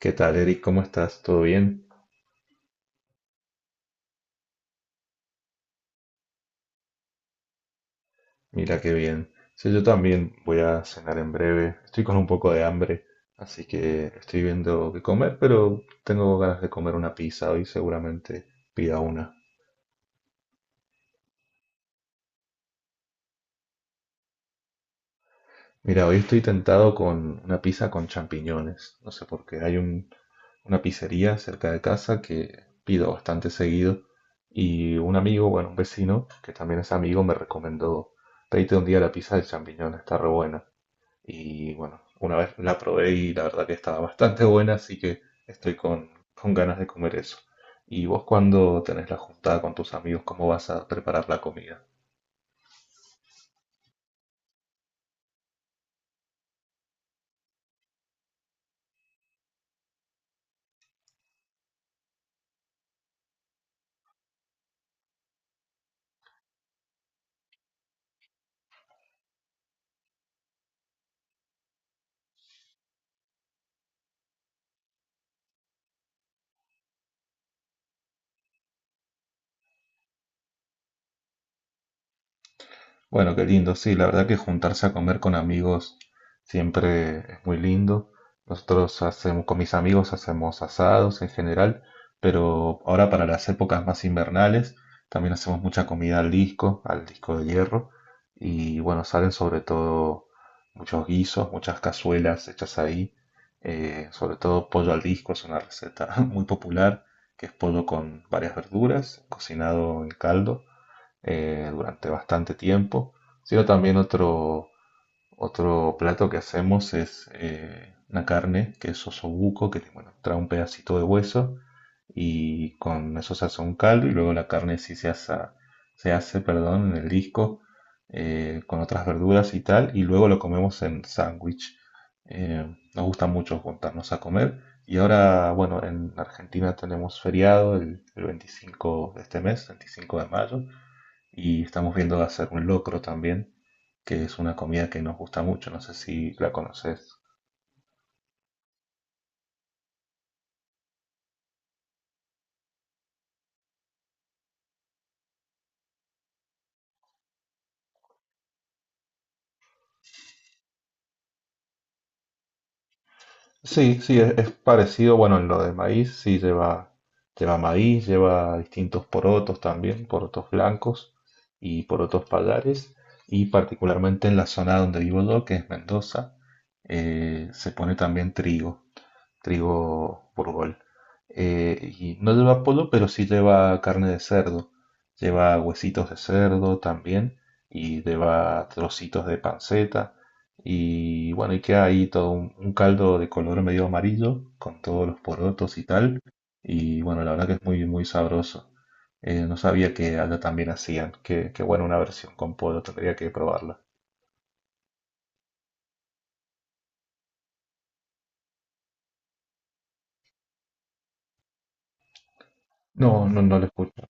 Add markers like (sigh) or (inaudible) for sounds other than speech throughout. ¿Qué tal, Eric? ¿Cómo estás? ¿Todo bien? Mira qué bien. Sí, yo también voy a cenar en breve. Estoy con un poco de hambre, así que estoy viendo qué comer, pero tengo ganas de comer una pizza hoy, seguramente pida una. Mira, hoy estoy tentado con una pizza con champiñones. No sé por qué. Una pizzería cerca de casa que pido bastante seguido y un amigo, bueno, un vecino, que también es amigo, me recomendó, pedite un día la pizza de champiñones, está re buena. Y bueno, una vez la probé y la verdad que estaba bastante buena, así que estoy con ganas de comer eso. ¿Y vos cuando tenés la juntada con tus amigos, cómo vas a preparar la comida? Bueno, qué lindo, sí, la verdad que juntarse a comer con amigos siempre es muy lindo. Nosotros hacemos, con mis amigos hacemos asados en general, pero ahora para las épocas más invernales también hacemos mucha comida al disco de hierro, y bueno, salen sobre todo muchos guisos, muchas cazuelas hechas ahí, sobre todo pollo al disco es una receta (laughs) muy popular, que es pollo con varias verduras, cocinado en caldo durante bastante tiempo, sino también otro, otro plato que hacemos es una carne que es osobuco, que bueno, trae un pedacito de hueso y con eso se hace un caldo y luego la carne sí se hace, perdón, en el disco con otras verduras y tal y luego lo comemos en sándwich. Eh, Nos gusta mucho juntarnos a comer y ahora, bueno, en Argentina tenemos feriado el 25 de este mes, 25 de mayo, y estamos viendo hacer un locro también, que es una comida que nos gusta mucho, no sé si la conoces. Sí, sí, es parecido, bueno, en lo de maíz, sí lleva, lleva maíz, lleva distintos porotos también, porotos blancos y porotos pallares, y particularmente en la zona donde vivo yo, que es Mendoza, se pone también trigo. Trigo burgol. Y no lleva polo, pero sí lleva carne de cerdo. Lleva huesitos de cerdo también y lleva trocitos de panceta. Y bueno, y queda ahí todo un caldo de color medio amarillo con todos los porotos y tal. Y bueno, la verdad que es muy, muy sabroso. No sabía que allá también hacían. Que bueno, una versión con polo, tendría que probarla. No, no, no lo escucho.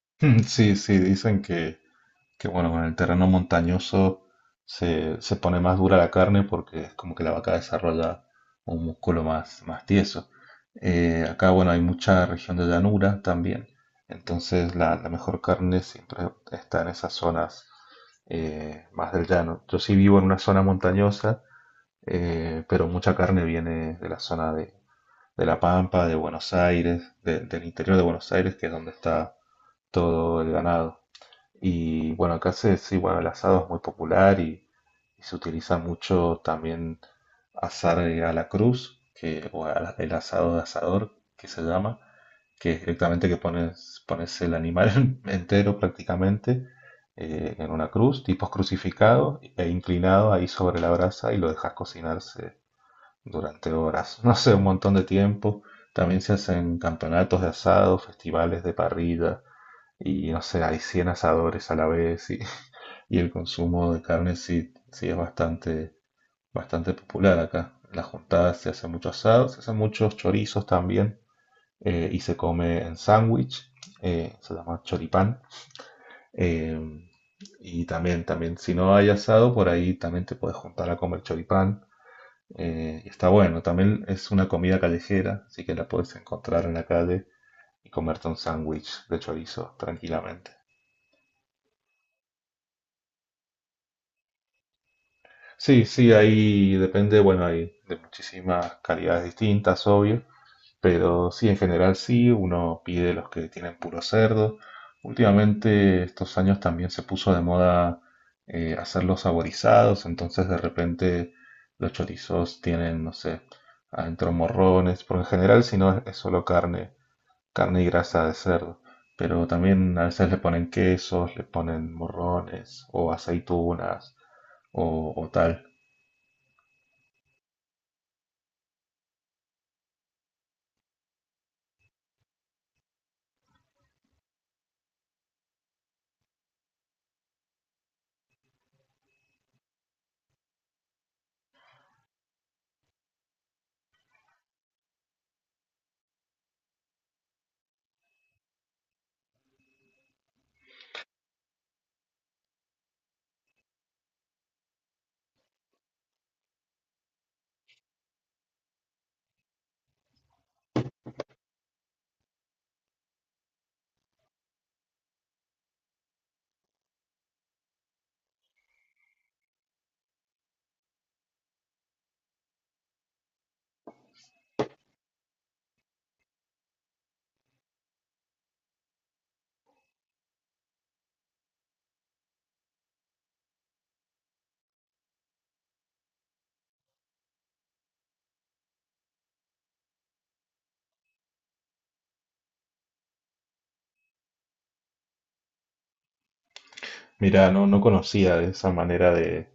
(laughs) Sí, sí, dicen que bueno, con el terreno montañoso se, se pone más dura la carne porque es como que la vaca desarrolla un músculo más, más tieso. Acá, bueno, hay mucha región de llanura también, entonces la mejor carne siempre está en esas zonas más del llano. Yo sí vivo en una zona montañosa, pero mucha carne viene de la zona de La Pampa, de Buenos Aires, del interior de Buenos Aires, que es donde está todo el ganado. Y bueno, acá se, sí, bueno, el asado es muy popular y se utiliza mucho también asar a la cruz, que, o el asado de asador, que se llama, que es directamente que pones, pones el animal (laughs) entero prácticamente en una cruz, tipo crucificado e inclinado ahí sobre la brasa y lo dejas cocinarse durante horas, (laughs) no sé, un montón de tiempo. También se hacen campeonatos de asado, festivales de parrilla y no sé, hay 100 asadores a la vez y el consumo de carne sí, sí es bastante, bastante popular acá. En las juntadas se hacen muchos asados se hacen muchos chorizos también y se come en sándwich, se llama choripán. Eh, y también, también, si no hay asado, por ahí también te puedes juntar a comer choripán. Y está bueno, también es una comida callejera, así que la puedes encontrar en la calle y comerte un sándwich de chorizo tranquilamente. Sí, sí, ahí depende, bueno, hay de muchísimas calidades distintas, obvio, pero sí, en general sí, uno pide los que tienen puro cerdo. Últimamente, estos años también se puso de moda hacerlos saborizados, entonces de repente los chorizos tienen, no sé, adentro morrones, porque en general si no es, es solo carne, carne y grasa de cerdo, pero también a veces le ponen quesos, le ponen morrones o aceitunas o o tal. Mira, no, no conocía esa manera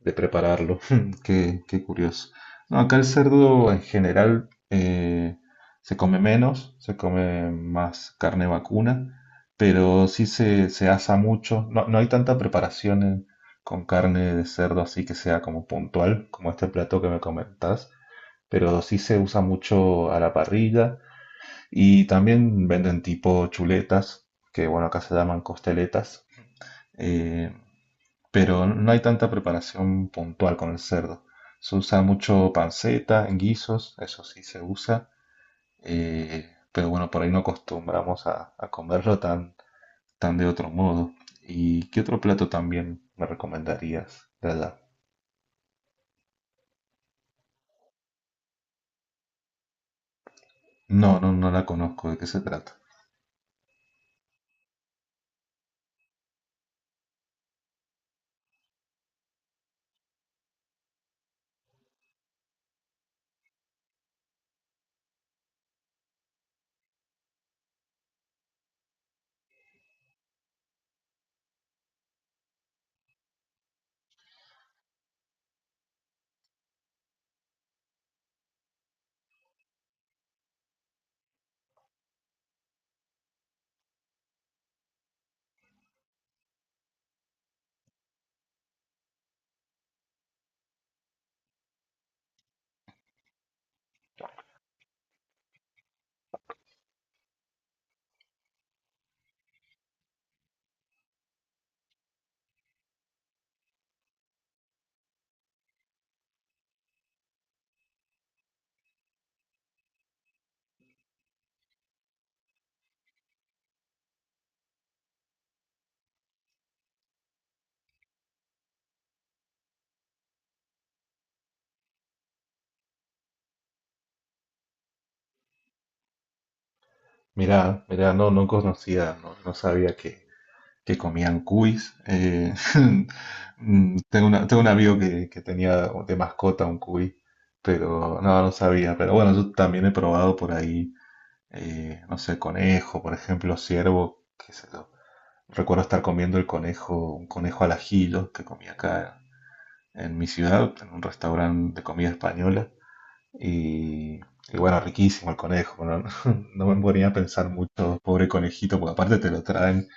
de prepararlo. (laughs) Qué, qué curioso. No, acá el cerdo en general se come menos, se come más carne vacuna, pero sí se asa mucho. No, no hay tanta preparación con carne de cerdo así que sea como puntual, como este plato que me comentás, pero sí se usa mucho a la parrilla y también venden tipo chuletas, que bueno, acá se llaman costeletas. Eh, pero no hay tanta preparación puntual con el cerdo. Se usa mucho panceta, en guisos, eso sí se usa, pero bueno, por ahí no acostumbramos a comerlo tan, tan de otro modo. ¿Y qué otro plato también me recomendarías de allá? No, no, no la conozco, ¿de qué se trata? Mirá, mirá, no, no conocía, no, no sabía que comían cuis. (laughs) Tengo un amigo que tenía de mascota un cuy, pero no, no sabía. Pero bueno, yo también he probado por ahí, no sé, conejo, por ejemplo, ciervo, qué sé yo. Recuerdo estar comiendo el conejo, un conejo al ajillo que comía acá en mi ciudad, en un restaurante de comida española. Y, y bueno, riquísimo el conejo, ¿no? (laughs) No me ponía a pensar mucho, pobre conejito, porque aparte te lo traen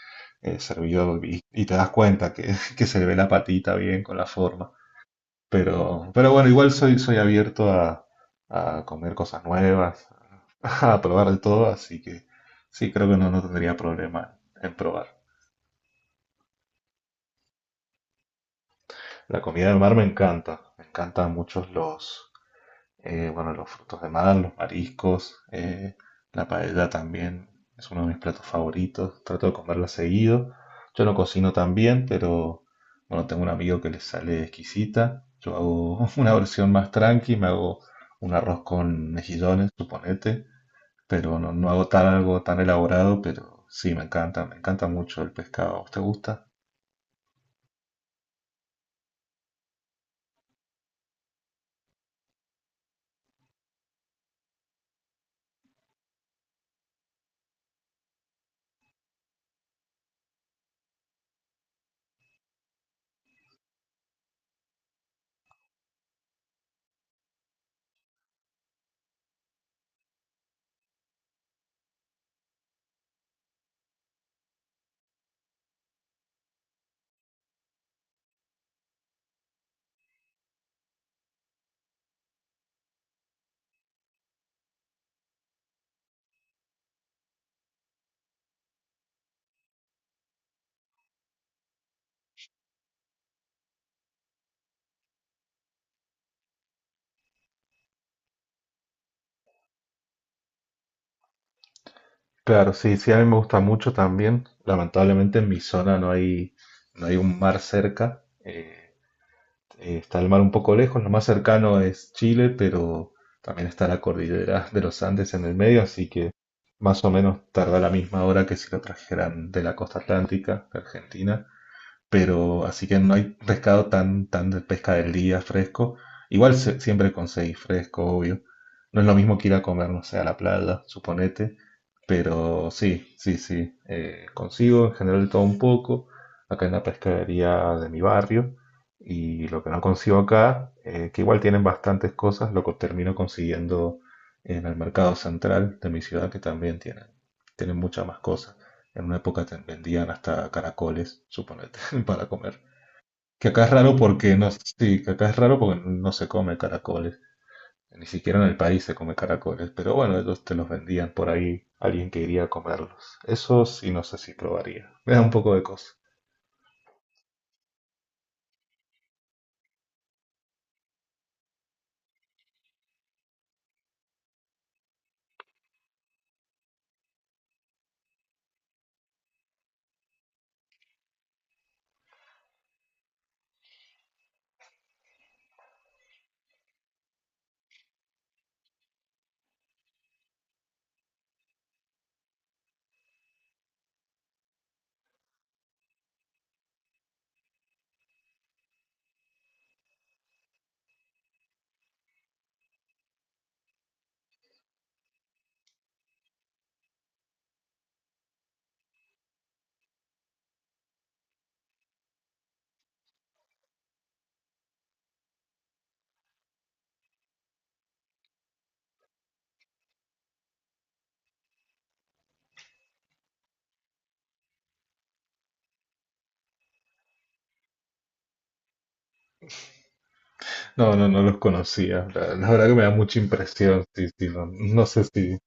servido y te das cuenta que, (laughs) que se le ve la patita bien con la forma. Pero bueno, igual soy, soy abierto a comer cosas nuevas, (laughs) a probar de todo, así que sí, creo que no, no tendría problema en probar. La comida del mar me encanta, me encantan muchos los, bueno, los frutos de mar, los mariscos, la paella también es uno de mis platos favoritos. Trato de comerla seguido. Yo no cocino tan bien, pero bueno, tengo un amigo que le sale exquisita. Yo hago (laughs) una versión más tranqui, me hago un arroz con mejillones, suponete, pero no, no hago tan algo tan elaborado, pero sí, me encanta mucho el pescado. ¿A vos te gusta? Claro, sí, sí, a mí me gusta mucho también. Lamentablemente en mi zona no hay, no hay un mar cerca. Está el mar un poco lejos, lo más cercano es Chile, pero también está la cordillera de los Andes en el medio, así que más o menos tarda la misma hora que si lo trajeran de la costa atlántica, de Argentina, pero así que no hay pescado tan, tan de pesca del día fresco. Igual siempre conseguís fresco, obvio. No es lo mismo que ir a comer, no sé, a la playa, suponete, pero sí, sí, sí, consigo en general de todo un poco, acá en la pescadería de mi barrio, y lo que no consigo acá, que igual tienen bastantes cosas, lo que termino consiguiendo en el mercado central de mi ciudad, que también tienen, tienen muchas más cosas. En una época te vendían hasta caracoles, suponete, (laughs) para comer. Que acá es raro porque no, sí, que acá es raro porque no se come caracoles. Ni siquiera en el país se come caracoles. Pero bueno, ellos te los vendían por ahí alguien que iría a comerlos. Eso sí no sé si probaría. Me da un poco de cosa. No, no, no los conocía. La verdad que me da mucha impresión. Sí, sí, no, no sé si...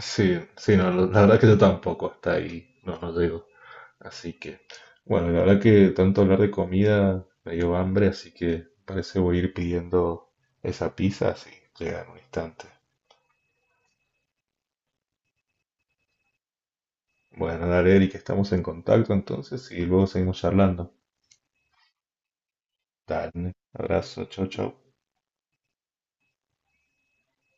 Sí, sí, no, la verdad que yo tampoco. Hasta ahí, no, no digo. Así que, bueno, la verdad que tanto hablar de comida me dio hambre, así que parece voy a ir pidiendo esa pizza, así llega en un instante. Bueno, dale, Eric, estamos en contacto entonces y luego seguimos charlando. Dale, abrazo, chau, chau.